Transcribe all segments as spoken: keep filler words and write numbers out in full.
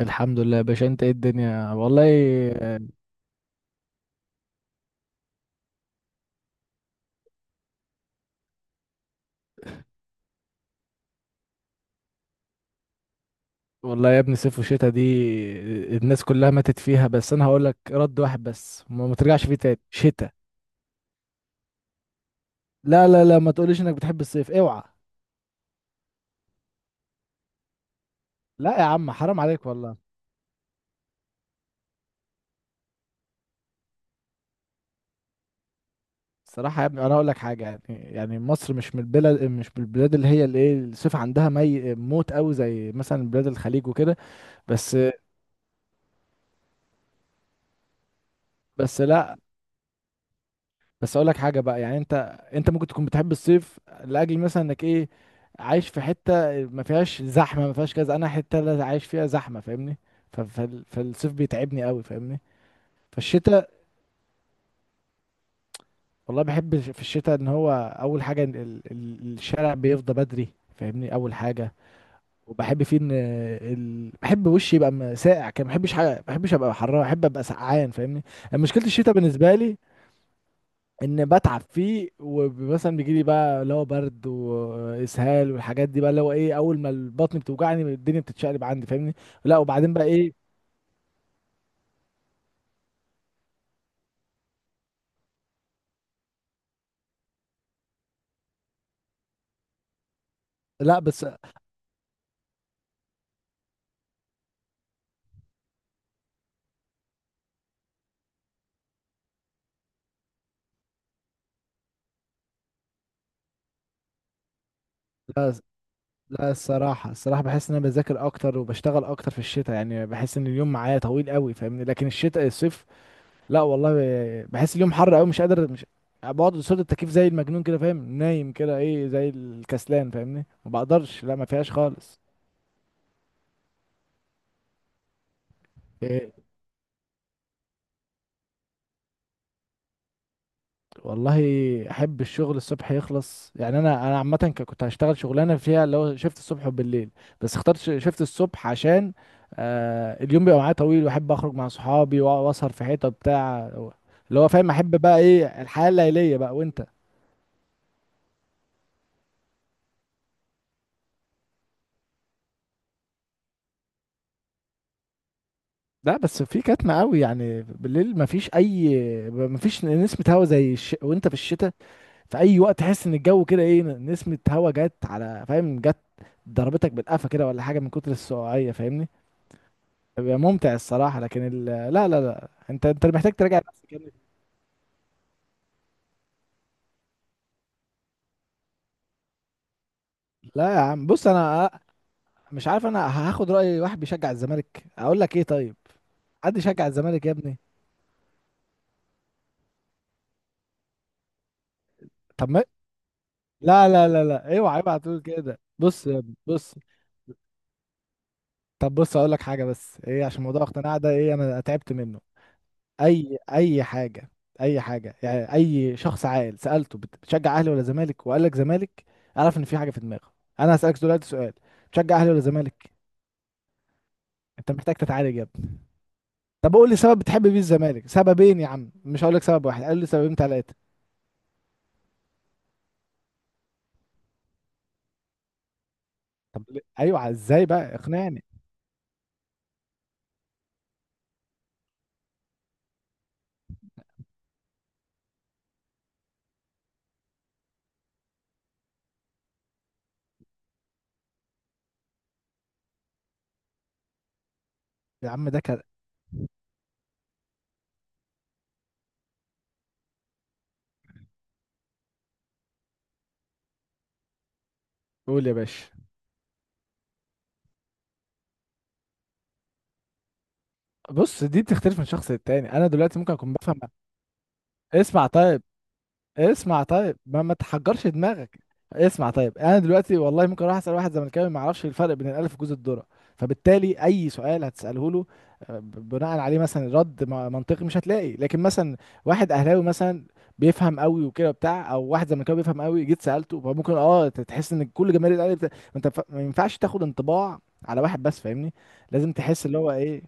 الحمد لله يا باشا، انت ايه الدنيا والله. والله يا ابني، صيف وشتا دي الناس كلها ماتت فيها، بس انا هقول لك رد واحد بس، ما ما ترجعش فيه تاني شتا. لا، لا، لا، ما تقوليش انك بتحب الصيف، اوعى. لا يا عم، حرام عليك والله. الصراحة يا ابني، انا هقول لك حاجة. يعني يعني مصر مش من البلاد مش من البلاد اللي هي الايه، الصيف عندها مي موت قوي زي مثلا بلاد الخليج وكده. بس، بس، لا، بس اقول لك حاجه بقى. يعني انت انت ممكن تكون بتحب الصيف لاجل مثلا انك ايه، عايش في حته ما فيهاش زحمه ما فيهاش كذا. انا حته لا عايش فيها زحمه، فاهمني؟ ف- فال- فالصيف بيتعبني قوي، فاهمني. فالشتاء، والله بحب ش- في الشتاء ان هو اول حاجه، إن ال- ال- الشارع بيفضى بدري، فاهمني. اول حاجه. وبحب فيه ان ال... بحب وشي يبقى م- ساقع كده. ما بحبش حاجه، ما بحبش ابقى حراره، بحب ابقى سقعان، فاهمني. يعني مشكله الشتاء بالنسبه لي ان بتعب فيه، ومثلا بيجي لي بقى اللي هو برد واسهال والحاجات دي. بقى اللي هو ايه، اول ما البطن بتوجعني الدنيا بتتشقلب عندي، فاهمني. لا وبعدين بقى ايه. لا بس. لا، لا، الصراحه الصراحه بحس ان انا بذاكر اكتر وبشتغل اكتر في الشتاء، يعني بحس ان اليوم معايا طويل قوي، فاهمني. لكن الشتاء، الصيف، لا والله، ب- بحس اليوم حر قوي، مش قادر. مش بقعد قصاد التكييف زي المجنون كده، فاهم، نايم كده ايه زي الكسلان، فاهمني. ما بقدرش، لا، ما فيهاش خالص. إيه، والله احب الشغل الصبح يخلص. يعني انا انا عامه ك- كنت هشتغل شغلانه فيها اللي هو شيفت الصبح وبالليل. بس اخترت ش- شيفت الصبح، عشان آه اليوم بيبقى معايا طويل، واحب اخرج مع صحابي وأ- واسهر في حته بتاع، اللي هو فاهم، احب بقى ايه الحياه الليليه بقى. وانت؟ لا، بس في كتمة قوي. يعني بالليل مفيش اي مفيش نسمة هوا زي الش... وانت في الشتاء، في اي وقت تحس ان الجو كده ايه، نسمة هوا جت على، فاهم، جت ضربتك بالقفا كده ولا حاجة من كتر السقوعية، فاهمني. بيبقى ممتع الصراحة. لكن ال... لا، لا، لا، انت انت محتاج تراجع نفسك يا ابني. لا يا عم، بص انا مش عارف، انا هاخد رأي واحد بيشجع الزمالك اقول لك ايه؟ طيب. حد يشجع الزمالك يا ابني؟ طب ما، لا، لا، لا، لا، اوعى، اوعى تقول كده. بص يا ابني، بص. طب بص، اقول لك حاجة، بس ايه، عشان موضوع اقتناع ده ايه، انا تعبت منه. اي اي حاجة، اي حاجة. يعني اي شخص عاقل سألته بت- بتشجع اهلي ولا زمالك وقال لك زمالك، اعرف ان في حاجة في دماغه. انا هسألك دلوقتي سؤال: بتشجع اهلي ولا زمالك؟ انت محتاج تتعالج يا ابني. طب قول لي سبب بتحب بيه الزمالك. سببين يا عم، مش هقول لك سبب واحد. قال لي سببين ثلاثه. طب ليه؟ ايوه، ازاي بقى، اقنعني. يا عم ده كده. قول يا باشا. بص، دي بتختلف من شخص للتاني. انا دلوقتي ممكن اكون بفهم. اسمع طيب. اسمع طيب ما, ما تحجرش دماغك. اسمع طيب، انا دلوقتي والله ممكن اروح اسال واحد زملكاوي ما يعرفش الفرق بين الالف وجوز الذره. فبالتالي اي سؤال هتساله له، آه، ب- بناء عليه مثلا رد م- منطقي مش هتلاقي. لكن مثلا واحد اهلاوي مثلا بيفهم قوي وكده بتاع، او واحد زملكاوي بيفهم قوي جيت سالته، فممكن اه ت- تحس ان كل جماهير الاهلي بتا... ما انت ف... ما ينفعش تاخد انطباع على واحد بس، فاهمني. لازم تحس اللي هو ايه.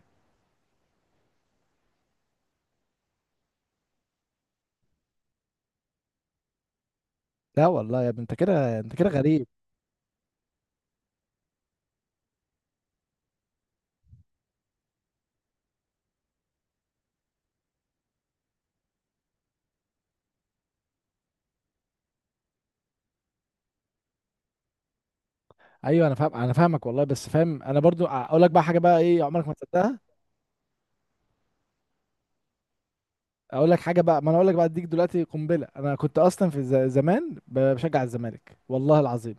لا والله يا ابني، انت كده، انت كده غريب. ايوه، انا فاهم، انا فاهمك والله. بس فاهم، انا برضو اقول لك بقى حاجه بقى ايه عمرك ما تصدقها. اقول لك حاجه بقى، ما انا اقول لك بقى، اديك دلوقتي قنبله. انا كنت اصلا في ز- زمان بشجع الزمالك والله العظيم.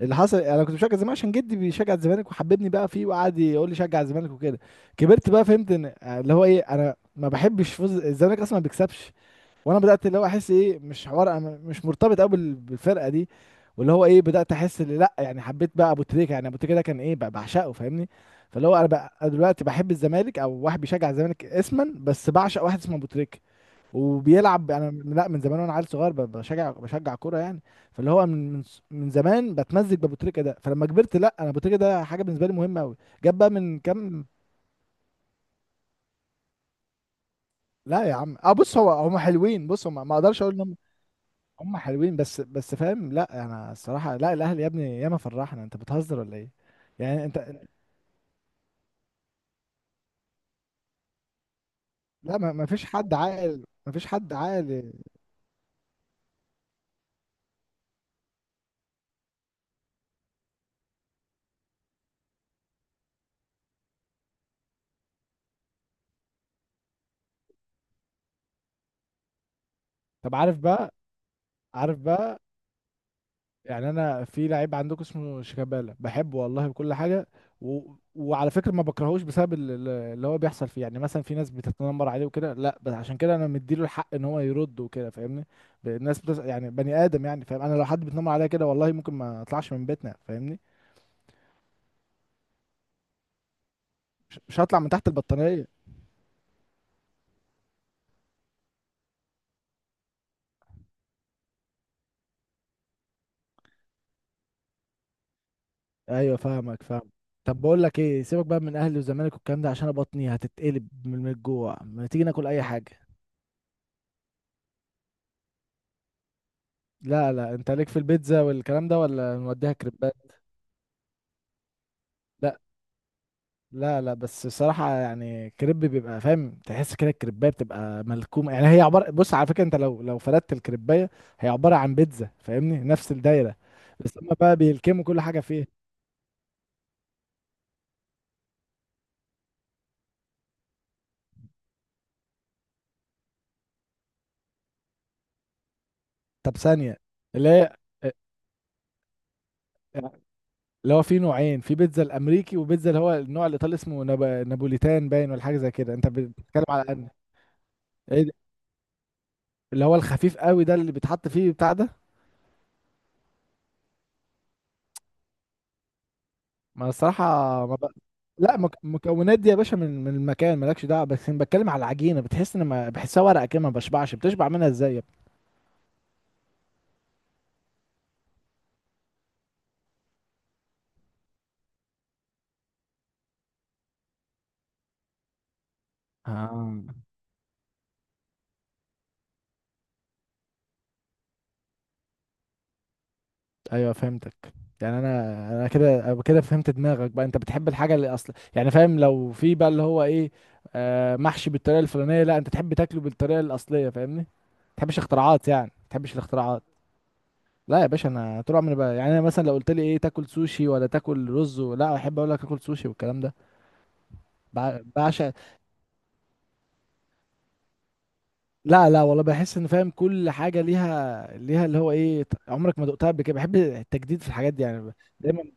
اللي حصل، انا كنت بشجع الزمالك عشان جدي بيشجع الزمالك وحببني بقى فيه وقعد يقول لي شجع الزمالك وكده. كبرت بقى فهمت ان آه، اللي هو ايه، انا ما بحبش فوز الزمالك، اصلا ما بيكسبش. وانا بدات اللي هو احس ايه، مش حوار. أنا مش مرتبط قوي بال- بالفرقه دي. واللي هو ايه، بدات احس اللي لا، يعني حبيت بقى ابو تريكه. يعني ابو تريكه ده كان ايه، ب- بعشقه، فاهمني. فاللي هو، انا بقى، أنا دلوقتي بحب الزمالك او واحد بيشجع الزمالك اسما بس، بعشق واحد اسمه ابو تريكه. وبيلعب. انا من- لا، من زمان وانا عيل صغير ب- بشجع بشجع كوره يعني. فاللي هو من من من زمان بتمزج بابو تريكه ده. فلما كبرت، لا، انا ابو تريكه ده حاجه بالنسبه لي مهمه قوي. جاب بقى من كام. لا يا عم، اه بص هو هم حلوين، بص هم، ما اقدرش اقول. هم حلوين بس بس فاهم. لا انا الصراحه، لا، الاهلي يا ابني ياما فرحنا. انت بتهزر ولا ايه؟ يعني انت، لا، ما ما فيش حد عاقل، ما فيش حد عاقل. طب عارف بقى عارف بقى. يعني انا في لعيب عندكم اسمه شيكابالا، بحبه والله بكل حاجه و... وعلى فكره ما بكرهوش بسبب ال- ال- اللي هو بيحصل فيه. يعني مثلا في ناس بتتنمر عليه وكده، لا، بس عشان كده انا مديله الحق ان هو يرد وكده، فاهمني. ب- الناس بتس... يعني بني ادم يعني، فاهم، انا لو حد بيتنمر عليا كده والله ممكن ما اطلعش من بيتنا، فاهمني. مش مش هطلع من تحت البطانيه. ايوه، فاهمك فاهم. طب بقول لك ايه، سيبك بقى من اهلي والزمالك والكلام ده، عشان أنا بطني هتتقلب من من الجوع. ما تيجي ناكل اي حاجه. لا، لا، انت ليك في البيتزا والكلام ده ولا نوديها كريبات؟ لا، لا، لا، بس الصراحه يعني كريب بيبقى، فاهم، تحس كده الكريبايه بتبقى ملكومه، يعني هي عباره، بص على فكره انت لو لو فردت الكريبايه، هي عباره عن بيتزا، فاهمني، نفس الدايره. بس هما بقى بيلكموا كل حاجه فيها. طب ثانيه، اللي هي اللي هو في نوعين، في بيتزا الامريكي وبيتزا اللي هو النوع الايطالي اسمه ناب... نابوليتان باين ولا حاجه زي كده. انت بتتكلم على ان... ايه ده؟ اللي هو الخفيف قوي ده، اللي بيتحط فيه بتاع ده. ما الصراحه، ما ب... لا، مك... مكونات دي يا باشا من من المكان مالكش دعوه، بس انا بتكلم على العجينه، بتحس ان ما بحسها ورقه كده، ما بشبعش، بتشبع منها ازاي يا ابني؟ آه. ايوه، فهمتك. يعني انا انا كده، أنا كده فهمت دماغك بقى. انت بتحب الحاجه اللي اصلا يعني فاهم، لو في بقى اللي هو ايه، آه محشي بالطريقه الفلانيه، لا انت تحب تاكله بالطريقه الاصليه، فاهمني. ما تحبش اختراعات، يعني ما تحبش الاختراعات. لا يا باشا، انا طول عمري بقى، يعني انا مثلا لو قلت لي ايه تاكل سوشي ولا تاكل رز، لا احب اقول لك اكل سوشي والكلام ده. بع- بعشق. لا، لا، والله بحس ان فاهم، كل حاجه ليها ليها اللي هو ايه، ط- عمرك ما دقتها قبل كده، بحب التجديد في الحاجات دي يعني ب- دايما.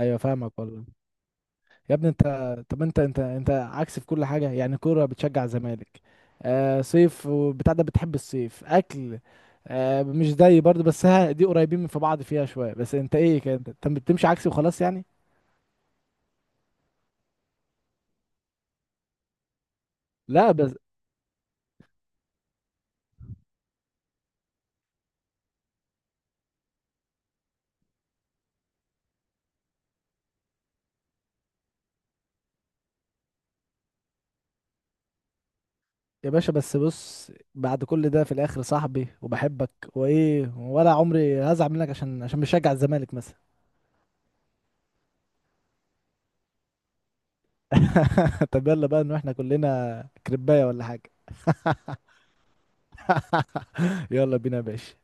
ايوه، فاهمك والله. يا ابني انت، طب انت انت انت عكس في كل حاجه. يعني كوره بتشجع الزمالك، آه صيف وبتاع ده بتحب الصيف، اكل، آه مش زي برضه بس ها، دي قريبين من في بعض فيها شويه، بس انت ايه كده، انت انت بتمشي عكسي وخلاص يعني. لا بس يا باشا، بس بص، بعد كل ده في الاخر صاحبي وبحبك، وايه ولا عمري هزعل منك عشان عشان بشجع الزمالك مثلا؟ طب يلا بقى ان احنا كلنا كربايه ولا حاجه؟ يلا بينا يا باشا.